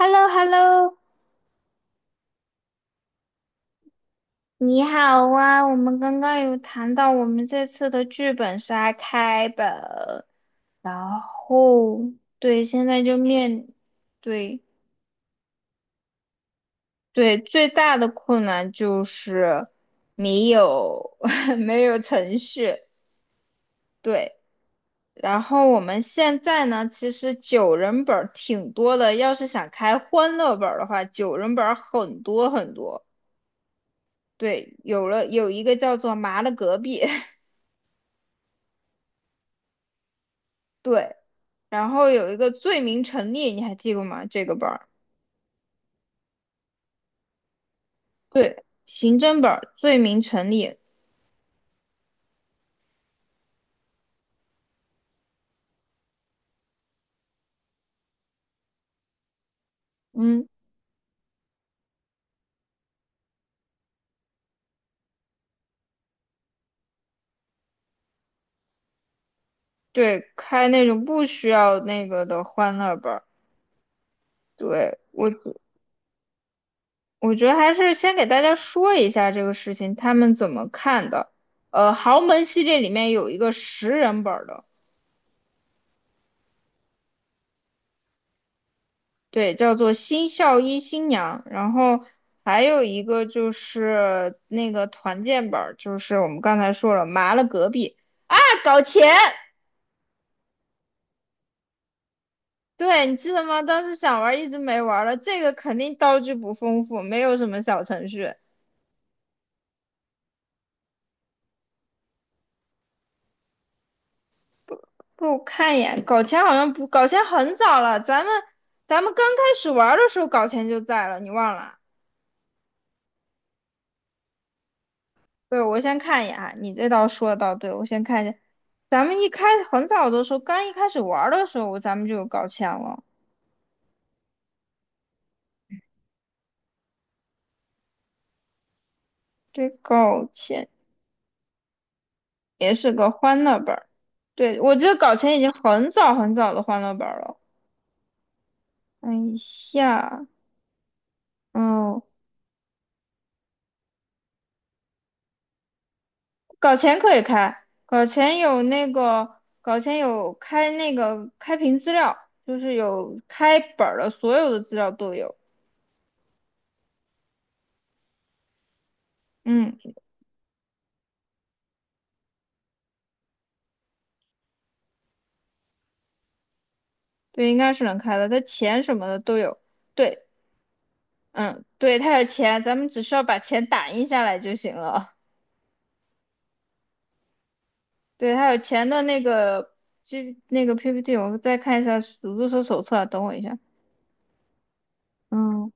h e l l o h e l l o 你好啊！我们刚刚有谈到我们这次的剧本杀开本，然后对。现在就对，对，最大的困难就是没有 没有程序，对。然后我们现在呢，其实九人本儿挺多的，要是想开欢乐本儿的话，九人本儿很多很多。对，有一个叫做麻的隔壁，对。然后有一个罪名成立，你还记过吗？这个本儿，对，刑侦本儿，罪名成立。嗯，对，开那种不需要那个的欢乐本儿，对，我觉得还是先给大家说一下这个事情，他们怎么看的。豪门系列里面有一个10人本儿的，对，叫做《新校医新娘》，然后还有一个就是那个团建本儿，就是我们刚才说了，麻了隔壁，大搞钱。对，你记得吗？当时想玩一直没玩了。这个肯定道具不丰富，没有什么小程序。不，我看一眼，搞钱好像不，搞钱很早了。咱们刚开始玩的时候，搞钱就在了，你忘了？对，我先看一眼啊，你这倒说的倒对，我先看一下。咱们一开很早的时候，刚一开始玩的时候，咱们就有搞钱了。对，搞钱也是个欢乐本儿。对，我得搞钱已经很早很早的欢乐本儿了。看一下，哦。搞钱可以开，搞钱有那个，搞钱有开那个开屏资料，就是有开本儿的，所有的资料都有。嗯，对，应该是能开的，它钱什么的都有。对。嗯，对，它有钱，咱们只需要把钱打印下来就行了。对，它有钱的那个，就那个 PPT，我再看一下组织者手册啊，等我一下。嗯，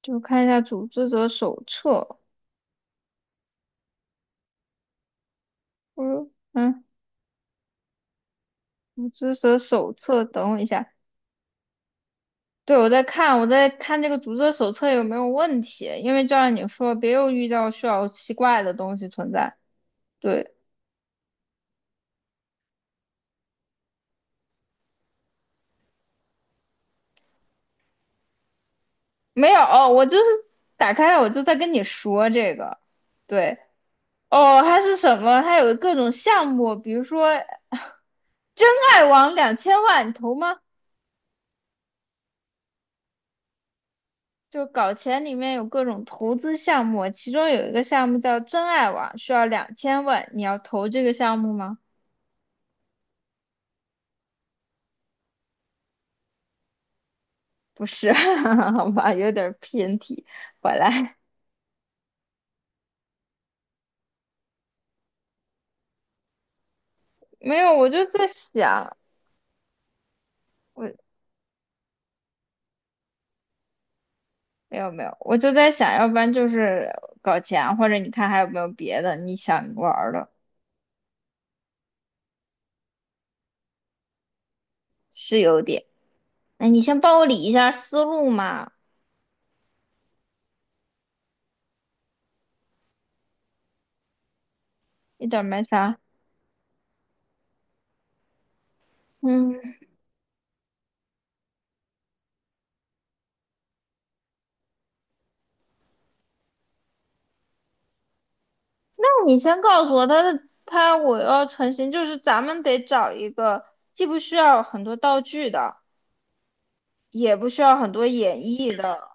就看一下组织者手册，不是嗯，组织者手册，等我一下。对，我在看，我在看这个读者手册有没有问题，因为就像你说，别又遇到需要奇怪的东西存在。对，没有，我就是打开了，我就在跟你说这个。对，哦，还是什么？还有各种项目，比如说真爱网两千万，你投吗？就搞钱里面有各种投资项目，其中有一个项目叫真爱网，需要两千万，你要投这个项目吗？不是，好吧，有点儿偏题，回来。没有，我就在想，我没有没有，我就在想，要不然就是搞钱，或者你看还有没有别的你想玩儿的，是有点。哎，你先帮我理一下思路嘛，一点儿没啥。嗯，那你先告诉我他的他我要成型，就是咱们得找一个既不需要很多道具的，也不需要很多演绎的，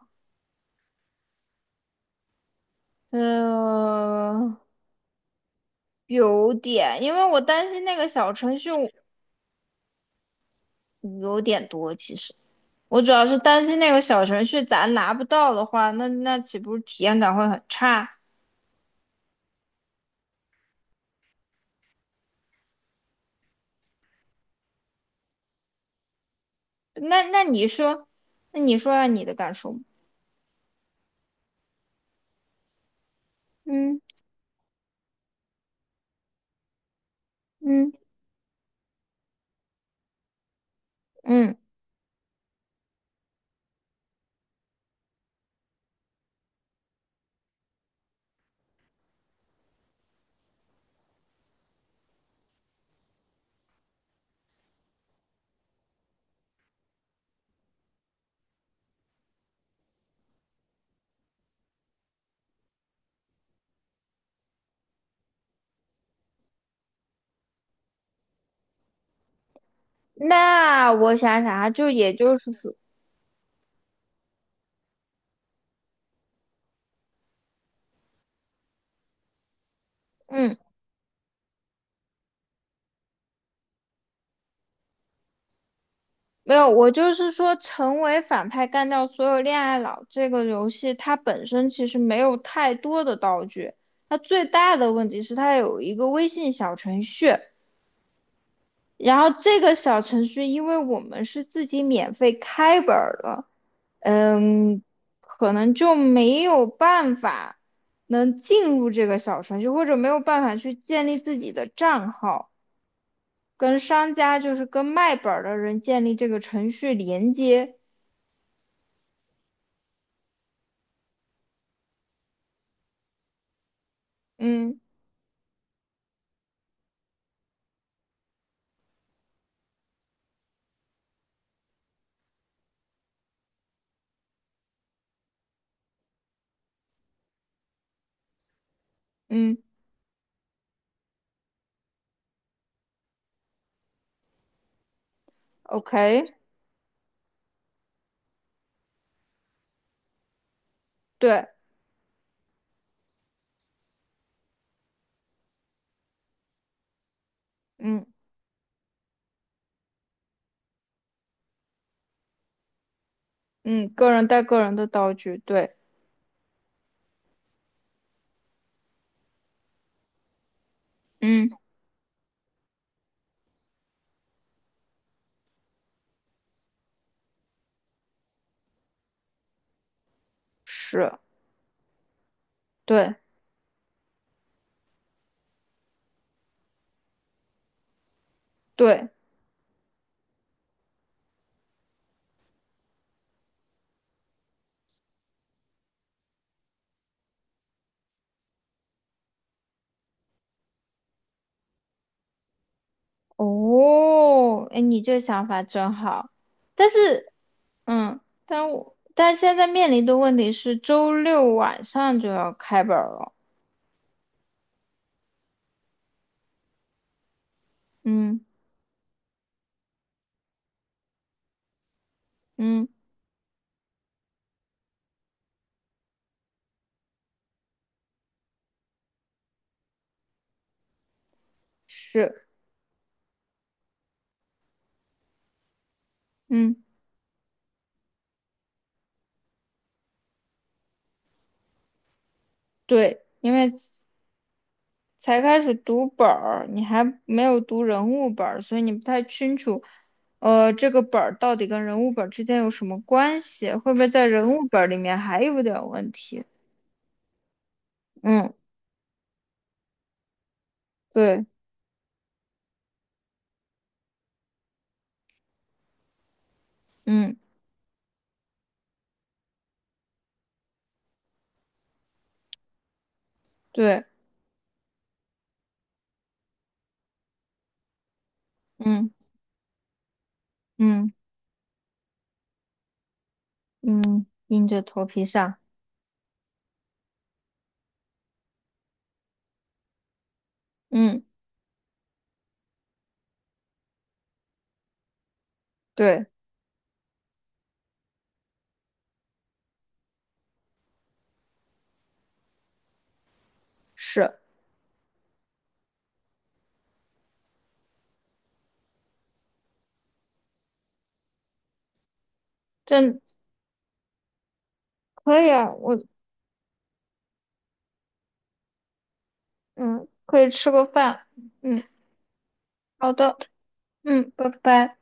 嗯，有点，因为我担心那个小程序，有点多，其实我主要是担心那个小程序咱拿不到的话，那岂不是体验感会很差？那你说，那你说下你的感受吧。嗯，嗯，嗯，那我想想啊，就也就是说，嗯，没有，我就是说，成为反派干掉所有恋爱脑这个游戏，它本身其实没有太多的道具，它最大的问题是它有一个微信小程序。然后这个小程序，因为我们是自己免费开本儿的，嗯，可能就没有办法能进入这个小程序，或者没有办法去建立自己的账号，跟商家就是跟卖本儿的人建立这个程序连接。嗯，嗯，OK，对，嗯，嗯，个人带个人的道具，对，嗯，是，对，对。哦，哎，你这想法真好，但是，嗯，但是现在面临的问题是周六晚上就要开本儿了，嗯，嗯，是，嗯，对，因为才开始读本儿，你还没有读人物本儿，所以你不太清楚，这个本儿到底跟人物本儿之间有什么关系，会不会在人物本儿里面还有点问题？嗯，对，嗯，对，嗯，嗯。嗯，硬着头皮上，嗯，对，是，真可以啊，我嗯可以吃个饭，嗯，好的，嗯，拜拜。